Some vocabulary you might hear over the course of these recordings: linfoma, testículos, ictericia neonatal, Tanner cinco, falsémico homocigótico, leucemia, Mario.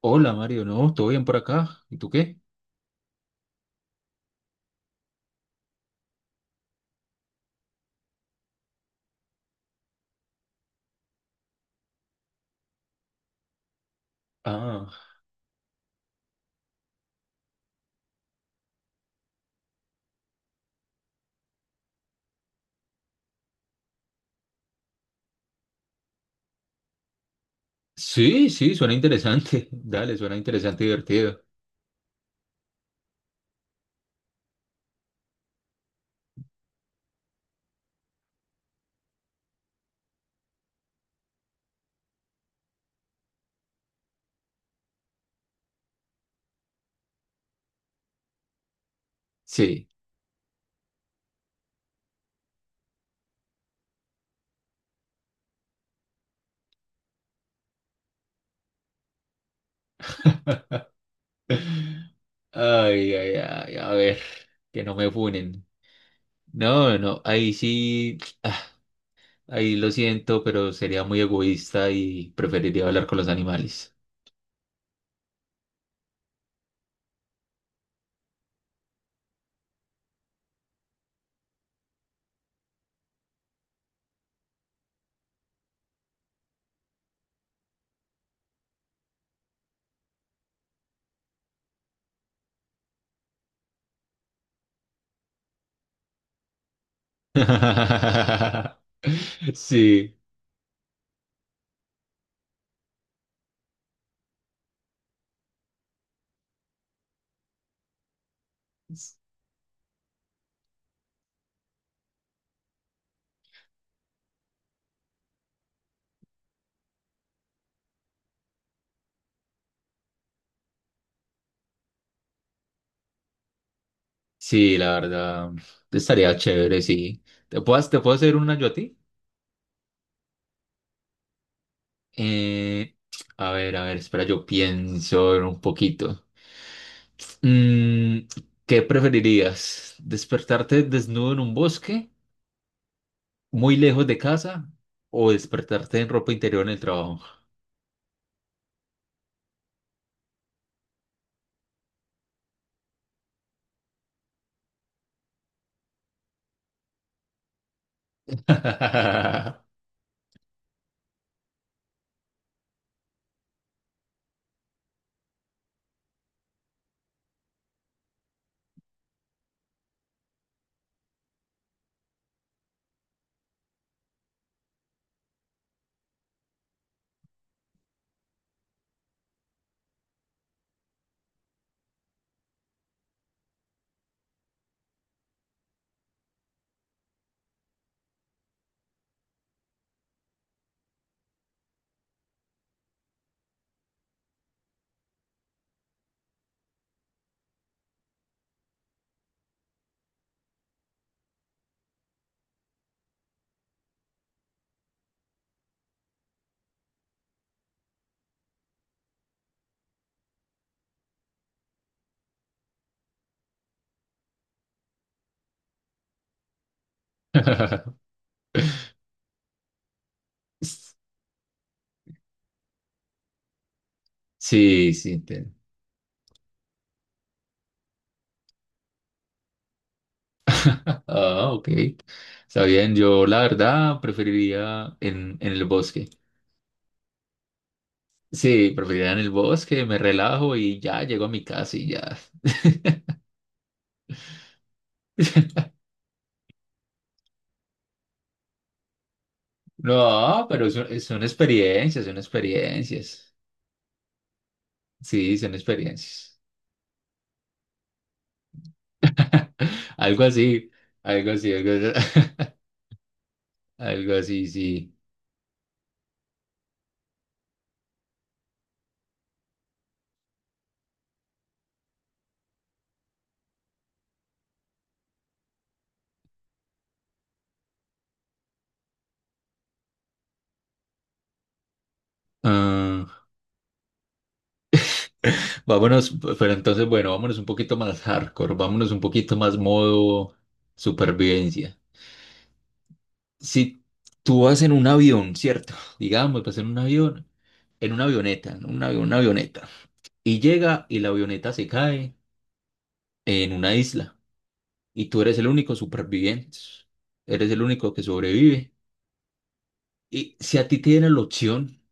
Hola Mario, no, todo bien por acá. ¿Y tú qué? Ah, sí, sí, suena interesante. Dale, suena interesante y divertido. Sí. Ay, ay, ay, a ver, que no me funen. No, no, ahí sí, ahí lo siento, pero sería muy egoísta y preferiría hablar con los animales. Sí, sí, la verdad, estaría chévere, sí. ¿Te puedo hacer una yo a ti? Eh, a ver, a ver, espera, yo pienso un poquito. Mm, ¿Qué preferirías? ¿Despertarte desnudo en un bosque, muy lejos de casa, o despertarte en ropa interior en el trabajo? Sí, sí, te- Ah, ok. Está bien, yo la verdad preferiría en el bosque. Sí, preferiría en el bosque, me relajo y ya llego a mi casa y ya. No, pero son, son experiencias, son experiencias. Sí, son experiencias. Algo así, algo así, algo así, algo así, sí. Ah, vámonos, pero entonces, bueno, vámonos un poquito más hardcore, vámonos un poquito más modo supervivencia. Si tú vas en un avión, ¿cierto? Digamos, vas en un avión, en una avioneta, una avioneta, y llega y la avioneta se cae en una isla. Y tú eres el único superviviente, eres el único que sobrevive. Y si a ti te dieran la opción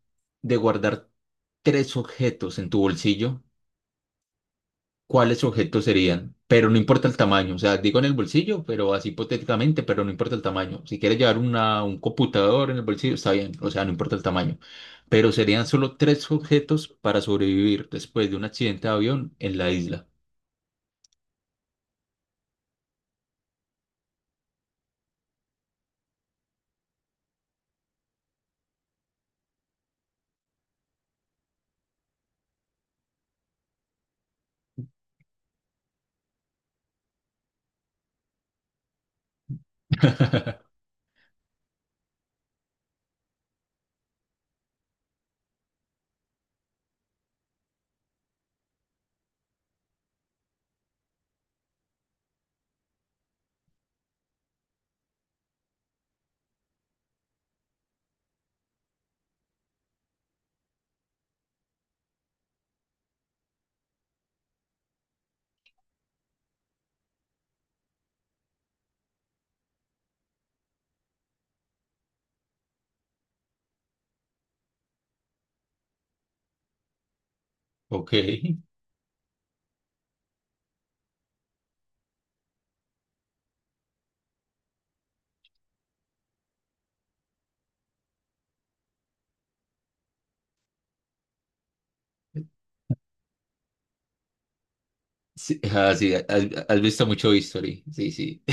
de guardar tres objetos en tu bolsillo, ¿cuáles objetos serían? Pero no importa el tamaño, o sea, digo en el bolsillo, pero así hipotéticamente, pero no importa el tamaño. Si quieres llevar un computador en el bolsillo, está bien, o sea, no importa el tamaño. Pero serían solo tres objetos para sobrevivir después de un accidente de avión en la isla. Ok. Sí, ah, sí, has, has visto mucho History. Sí, sí.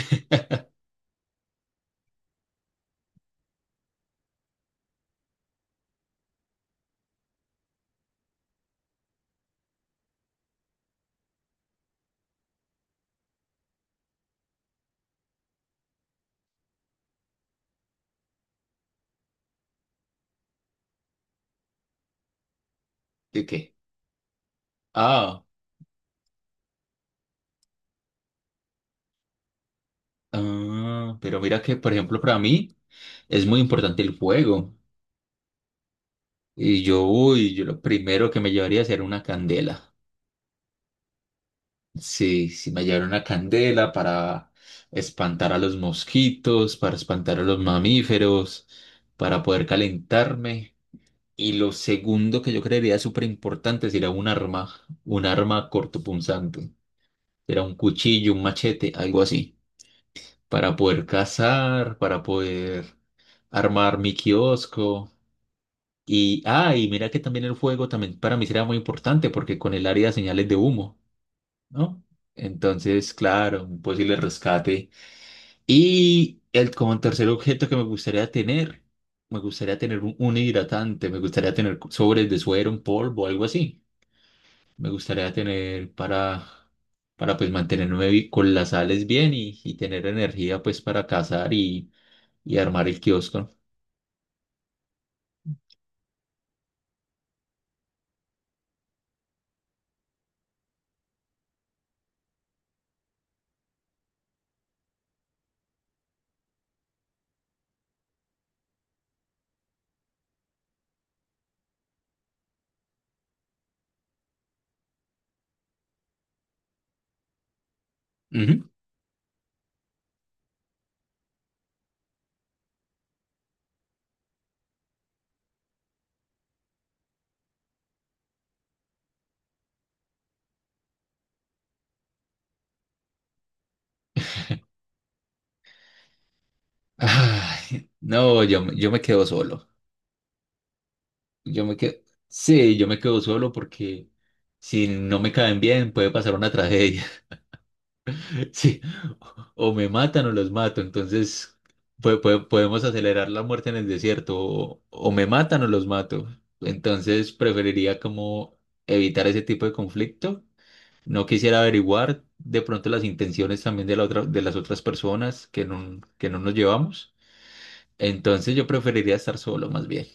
¿De qué? Ah, ah, pero mira que, por ejemplo, para mí es muy importante el fuego. Y yo, uy, yo lo primero que me llevaría sería una candela. Sí, sí, me llevaría una candela para espantar a los mosquitos, para espantar a los mamíferos, para poder calentarme. Y lo segundo que yo creería súper importante sería un arma cortopunzante. Era un cuchillo, un machete, algo así. Para poder cazar, para poder armar mi kiosco. Y, ah, y mira que también el fuego también para mí será muy importante porque con el área de señales de humo, ¿no? Entonces, claro, un posible rescate. Y el, como tercer objeto que me gustaría tener un hidratante, me gustaría tener sobres de suero en polvo, algo así. Me gustaría tener para pues mantenerme bi- con las sales bien y tener energía pues para cazar y armar el kiosco. Ujú. Ay, no, yo me quedo solo. Yo me quedo, sí, yo me quedo solo porque si no me caen bien puede pasar una tragedia. Sí, o me matan o los mato. Entonces pue- pue- podemos acelerar la muerte en el desierto. O me matan o los mato. Entonces preferiría como evitar ese tipo de conflicto. No quisiera averiguar de pronto las intenciones también de la otra, de las otras personas que no nos llevamos. Entonces yo preferiría estar solo más bien.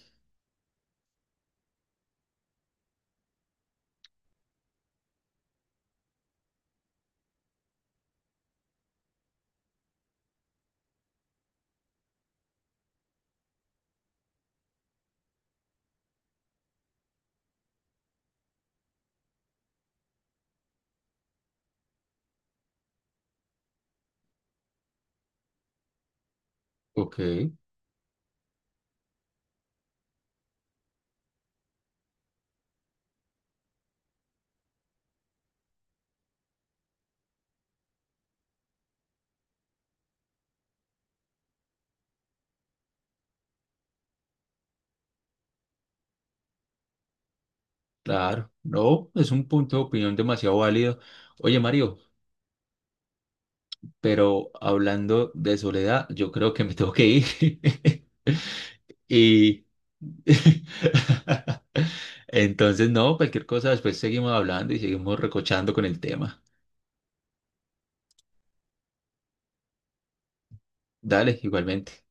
Ok, claro. No, es un punto de opinión demasiado válido. Oye, Mario, pero hablando de soledad, yo creo que me tengo que ir. Y entonces, no, cualquier cosa, después seguimos hablando y seguimos recochando con el tema. Dale, igualmente.